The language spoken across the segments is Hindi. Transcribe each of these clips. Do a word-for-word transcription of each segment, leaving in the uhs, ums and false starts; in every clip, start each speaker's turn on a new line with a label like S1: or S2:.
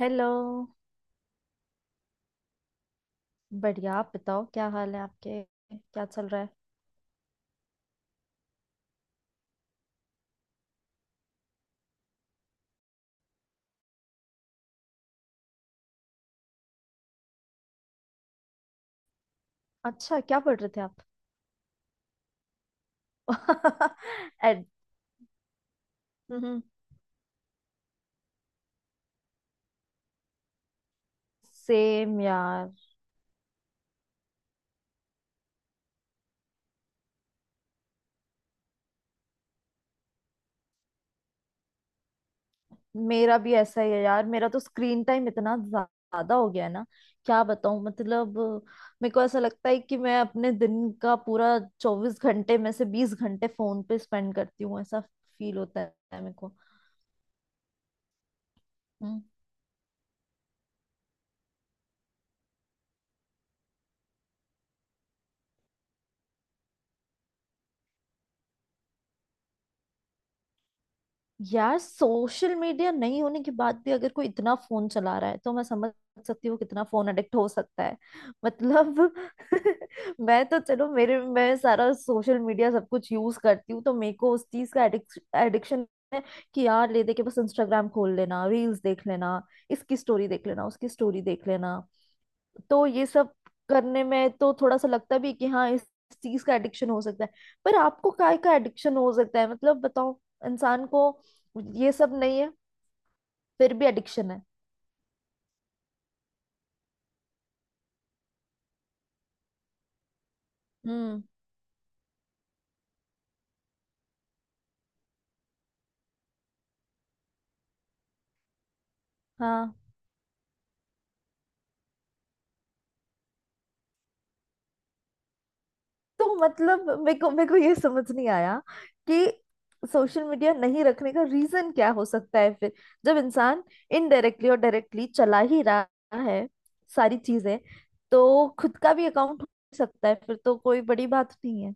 S1: हेलो। बढ़िया, आप बताओ क्या हाल है आपके? क्या चल रहा है? अच्छा, क्या पढ़ रहे थे आप? एड। हम्म। सेम यार, मेरा भी ऐसा ही है यार। मेरा तो स्क्रीन टाइम इतना ज्यादा हो गया है ना। क्या बताऊं, मतलब मेरे को ऐसा लगता है कि मैं अपने दिन का पूरा चौबीस घंटे में से बीस घंटे फोन पे स्पेंड करती हूँ, ऐसा फील होता है मेरे को। हम्म। यार सोशल मीडिया नहीं होने के बाद भी अगर कोई इतना फोन चला रहा है तो मैं समझ सकती हूँ कितना फोन एडिक्ट हो सकता है। मतलब मैं तो चलो, मेरे मैं सारा सोशल मीडिया सब कुछ यूज करती हूँ तो मेरे को उस चीज का एडिक्शन है कि यार ले दे के बस इंस्टाग्राम खोल लेना, रील्स देख लेना, इसकी स्टोरी देख लेना, उसकी स्टोरी देख लेना। तो ये सब करने में तो थोड़ा सा लगता भी है कि हाँ, इस चीज का एडिक्शन हो सकता है। पर आपको काय का एडिक्शन हो सकता है, मतलब बताओ, इंसान को ये सब नहीं है फिर भी एडिक्शन है। हम्म। हाँ। तो मतलब मेरे को मेरे को ये समझ नहीं आया कि सोशल मीडिया नहीं रखने का रीजन क्या हो सकता है फिर, जब इंसान इनडायरेक्टली और डायरेक्टली चला ही रहा है सारी चीजें। तो खुद का भी अकाउंट हो सकता है फिर तो कोई बड़ी बात नहीं है।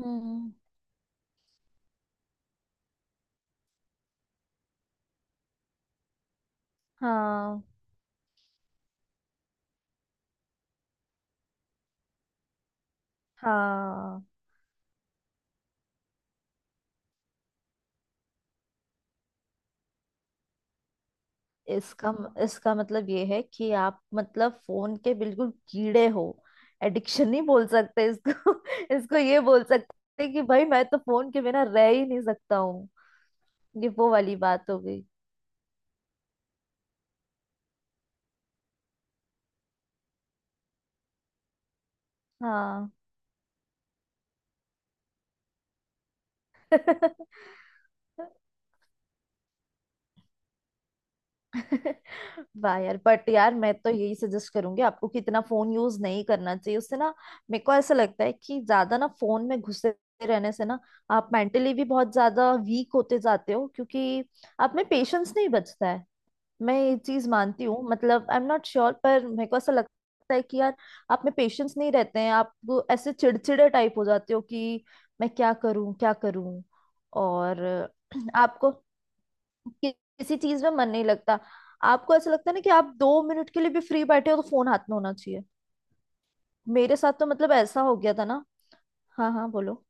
S1: हम्म। हाँ हाँ। इसका इसका मतलब ये है कि आप मतलब फोन के बिल्कुल कीड़े हो। एडिक्शन नहीं बोल सकते इसको इसको ये बोल सकते हैं कि भाई मैं तो फोन के बिना रह ही नहीं सकता हूँ। ये वो वाली बात हो गई। हाँ। वाह यार। बट यार मैं तो यही सजेस्ट करूंगी आपको कि इतना फोन यूज नहीं करना चाहिए। उससे ना मेरे को ऐसा लगता है कि ज्यादा ना फोन में घुसे रहने से ना आप मेंटली भी बहुत ज्यादा वीक होते जाते हो, क्योंकि आप में पेशेंस नहीं बचता है। मैं ये चीज मानती हूँ, मतलब आई एम नॉट श्योर, पर मेरे को ऐसा लगता है कि यार आप में पेशेंस नहीं रहते हैं, आप वो ऐसे चिड़चिड़े टाइप हो जाते हो कि मैं क्या करूं क्या करूं। और आपको कि- किसी चीज में मन नहीं लगता। आपको ऐसा लगता है ना कि आप दो मिनट के लिए भी फ्री बैठे हो तो फोन हाथ में होना चाहिए। मेरे साथ तो मतलब ऐसा हो गया था ना। हाँ हाँ बोलो।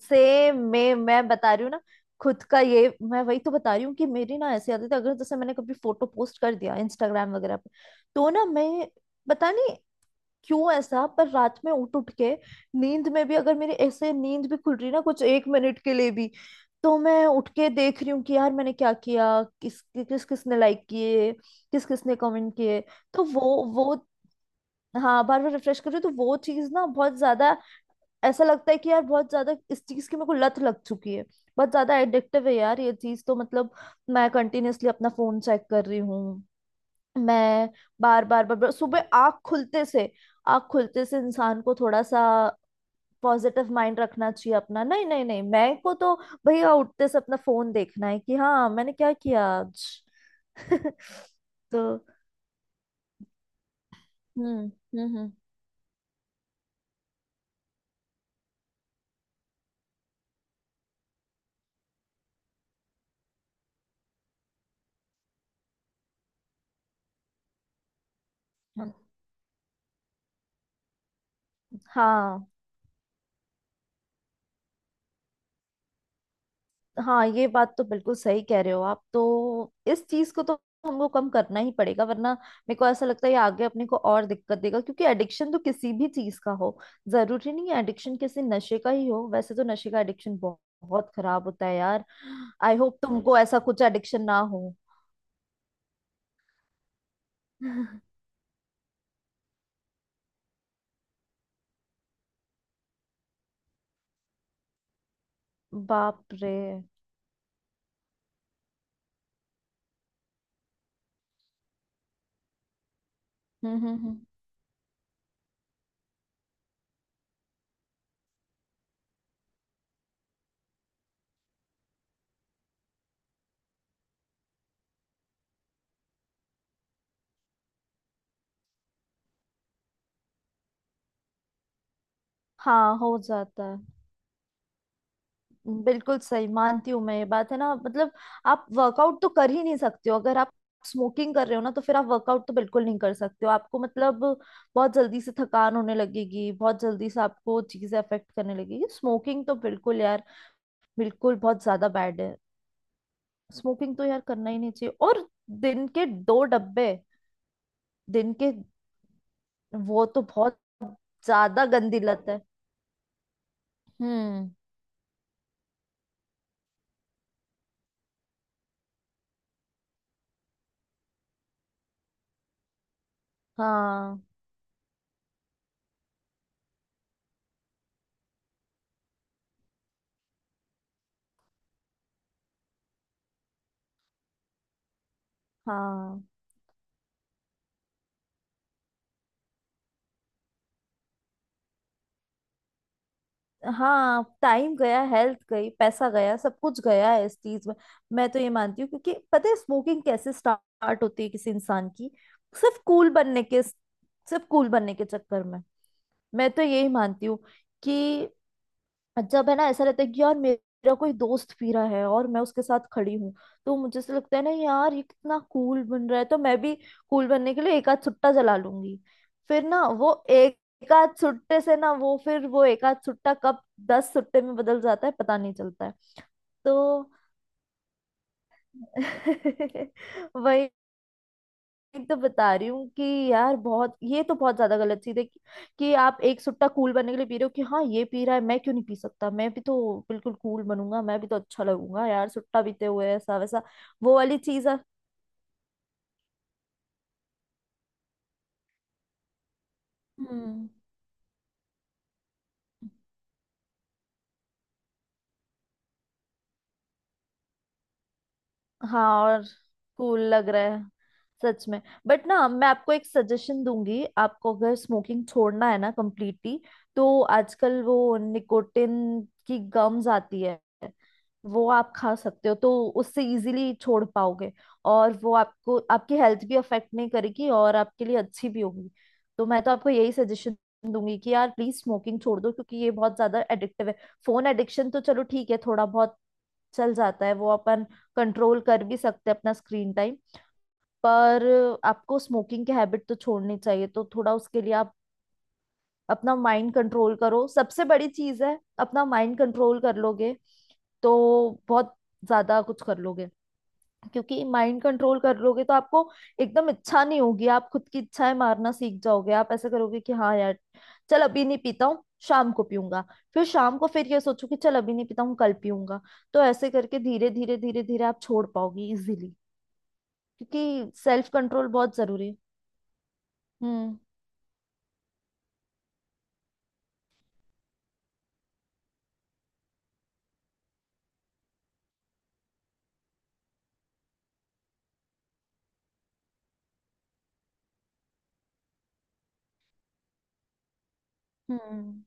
S1: सेम, मैं मैं बता रही हूँ ना, खुद का, ये मैं वही तो बता रही हूँ कि मेरी ना ऐसी आदत है, अगर जैसे मैंने कभी फोटो पोस्ट कर दिया इंस्टाग्राम वगैरह पे तो ना मैं पता नहीं क्यों ऐसा, पर रात में उठ उठ के, नींद में भी अगर मेरी ऐसे नींद भी खुल रही है ना कुछ एक मिनट के लिए भी, तो मैं उठ के देख रही हूँ कि यार मैंने क्या किया, किस किस किसने लाइक किए, किस किसने कमेंट किए। तो वो वो हाँ, बार बार रिफ्रेश कर रही हूँ, तो वो चीज ना बहुत ज्यादा, ऐसा लगता है कि यार बहुत ज्यादा इस चीज की मेरे को लत लग चुकी है। बहुत ज्यादा एडिक्टिव है यार ये चीज, तो मतलब मैं कंटिन्यूअसली अपना फोन चेक कर रही हूँ। मैं बार बार बार बार सुबह आँख खुलते से, आँख खुलते से इंसान को थोड़ा सा पॉजिटिव माइंड रखना चाहिए अपना, नहीं नहीं नहीं, मैं को तो भैया उठते से अपना फोन देखना है कि हाँ मैंने क्या किया आज। तो हम्म हम्म हम्म, हाँ हाँ, ये बात तो बिल्कुल सही कह रहे हो आप। तो इस चीज को तो हमको कम करना ही पड़ेगा वरना मेरे को ऐसा लगता है ये आगे अपने को और दिक्कत देगा। क्योंकि एडिक्शन तो किसी भी चीज का हो, जरूरी नहीं है एडिक्शन किसी नशे का ही हो। वैसे तो नशे का एडिक्शन बहुत, बहुत खराब होता है यार। आई होप तुमको ऐसा कुछ एडिक्शन ना हो। बाप रे। हम्म हम्म हम्म। हाँ हो जाता है, बिल्कुल सही मानती हूँ मैं ये बात, है ना? मतलब आप वर्कआउट तो कर ही नहीं सकते हो अगर आप स्मोकिंग कर रहे हो ना, तो फिर आप वर्कआउट तो बिल्कुल नहीं कर सकते हो आपको। मतलब बहुत जल्दी से थकान होने लगेगी, बहुत जल्दी से आपको चीजें अफेक्ट करने लगेगी। स्मोकिंग तो बिल्कुल यार, बिल्कुल बहुत ज्यादा बैड है। स्मोकिंग तो यार करना ही नहीं चाहिए। और दिन के दो डब्बे, दिन के, वो तो बहुत ज्यादा गंदी लत है। हम्म। हाँ हाँ। हाँ, टाइम गया, हेल्थ गई, पैसा गया, सब कुछ गया है इस चीज में। मैं तो ये मानती हूँ, क्योंकि पता है स्मोकिंग कैसे स्टार्ट होती है किसी इंसान की? सिर्फ कूल बनने के, सिर्फ कूल बनने के चक्कर में। मैं तो यही मानती हूँ कि जब है ना ऐसा रहता है कि यार मेरा कोई दोस्त पी रहा है और मैं उसके साथ खड़ी हूँ, तो मुझे से लगता है ना यार ये कितना कूल बन रहा है, तो मैं भी कूल बनने के लिए एक आध सुट्टा जला लूंगी। फिर ना वो एक एक आध सुट्टे से ना वो फिर वो एक आध सुट्टा कब दस सुट्टे में बदल जाता है पता नहीं चलता है। तो वही, एक तो बता रही हूँ कि यार बहुत, ये तो बहुत ज्यादा गलत चीज है कि, कि आप एक सुट्टा कूल बनने के लिए पी रहे हो कि हाँ ये पी रहा है मैं क्यों नहीं पी सकता, मैं भी तो बिल्कुल कूल बनूंगा, मैं भी तो अच्छा लगूंगा यार सुट्टा पीते हुए ऐसा वैसा। वो वाली चीज है। हम्म। हाँ। और कूल लग रहा है। सच में। बट ना मैं आपको एक सजेशन दूंगी, आपको अगर स्मोकिंग छोड़ना है ना कम्प्लीटली, तो आजकल वो निकोटिन की गम्स आती है, वो आप खा सकते हो। तो उससे इजीली छोड़ पाओगे, और वो आपको, आपकी हेल्थ भी अफेक्ट नहीं करेगी और आपके लिए अच्छी भी होगी। तो मैं तो आपको यही सजेशन दूंगी कि यार प्लीज स्मोकिंग छोड़ दो, क्योंकि ये बहुत ज्यादा एडिक्टिव है। फोन एडिक्शन तो चलो ठीक है, थोड़ा बहुत चल जाता है, वो अपन कंट्रोल कर भी सकते हैं अपना स्क्रीन टाइम। पर आपको स्मोकिंग की हैबिट तो छोड़नी चाहिए। तो थोड़ा उसके लिए आप अपना माइंड कंट्रोल करो, सबसे बड़ी चीज है, अपना माइंड कंट्रोल कर लोगे तो बहुत ज्यादा कुछ कर लोगे। क्योंकि माइंड कंट्रोल कर लोगे तो आपको एकदम इच्छा नहीं होगी, आप खुद की इच्छाएं मारना सीख जाओगे। आप ऐसा करोगे कि हाँ यार चल अभी नहीं पीता हूँ, शाम को पीऊंगा। फिर शाम को फिर ये सोचो कि चल अभी नहीं पीता हूँ, कल पीऊंगा। तो ऐसे करके धीरे धीरे धीरे धीरे आप छोड़ पाओगे इजिली। क्योंकि सेल्फ कंट्रोल बहुत जरूरी है। हम्म हम्म।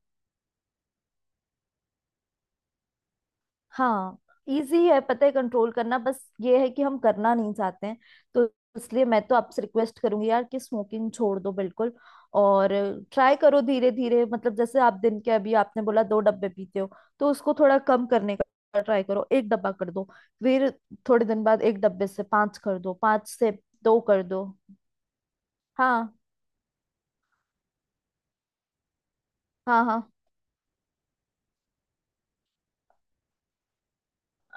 S1: हाँ, इजी है पता है कंट्रोल करना, बस ये है कि हम करना नहीं चाहते हैं। तो इसलिए मैं तो आपसे रिक्वेस्ट करूंगी यार कि स्मोकिंग छोड़ दो बिल्कुल। और ट्राई करो धीरे धीरे, मतलब जैसे आप दिन के, अभी आपने बोला दो डब्बे पीते हो, तो उसको थोड़ा कम करने का ट्राई करो, एक डब्बा कर दो। फिर थोड़े दिन बाद एक डब्बे से पांच कर दो, पांच से दो कर दो। हाँ हाँ हाँ।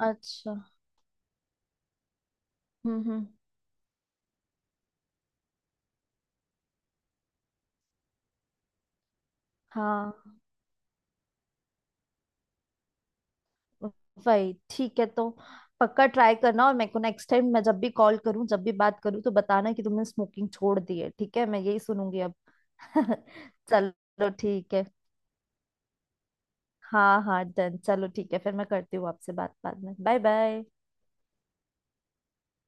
S1: अच्छा। हम्म हम्म। हाँ वही ठीक है तो, पक्का ट्राई करना। और मेरे को नेक्स्ट टाइम, मैं जब भी कॉल करूं, जब भी बात करूं तो बताना कि तुमने स्मोकिंग छोड़ दी है, ठीक है? मैं यही सुनूंगी अब। चलो ठीक है। हाँ हाँ डन, चलो ठीक है फिर, मैं करती हूँ आपसे बात बाद में। Bye bye.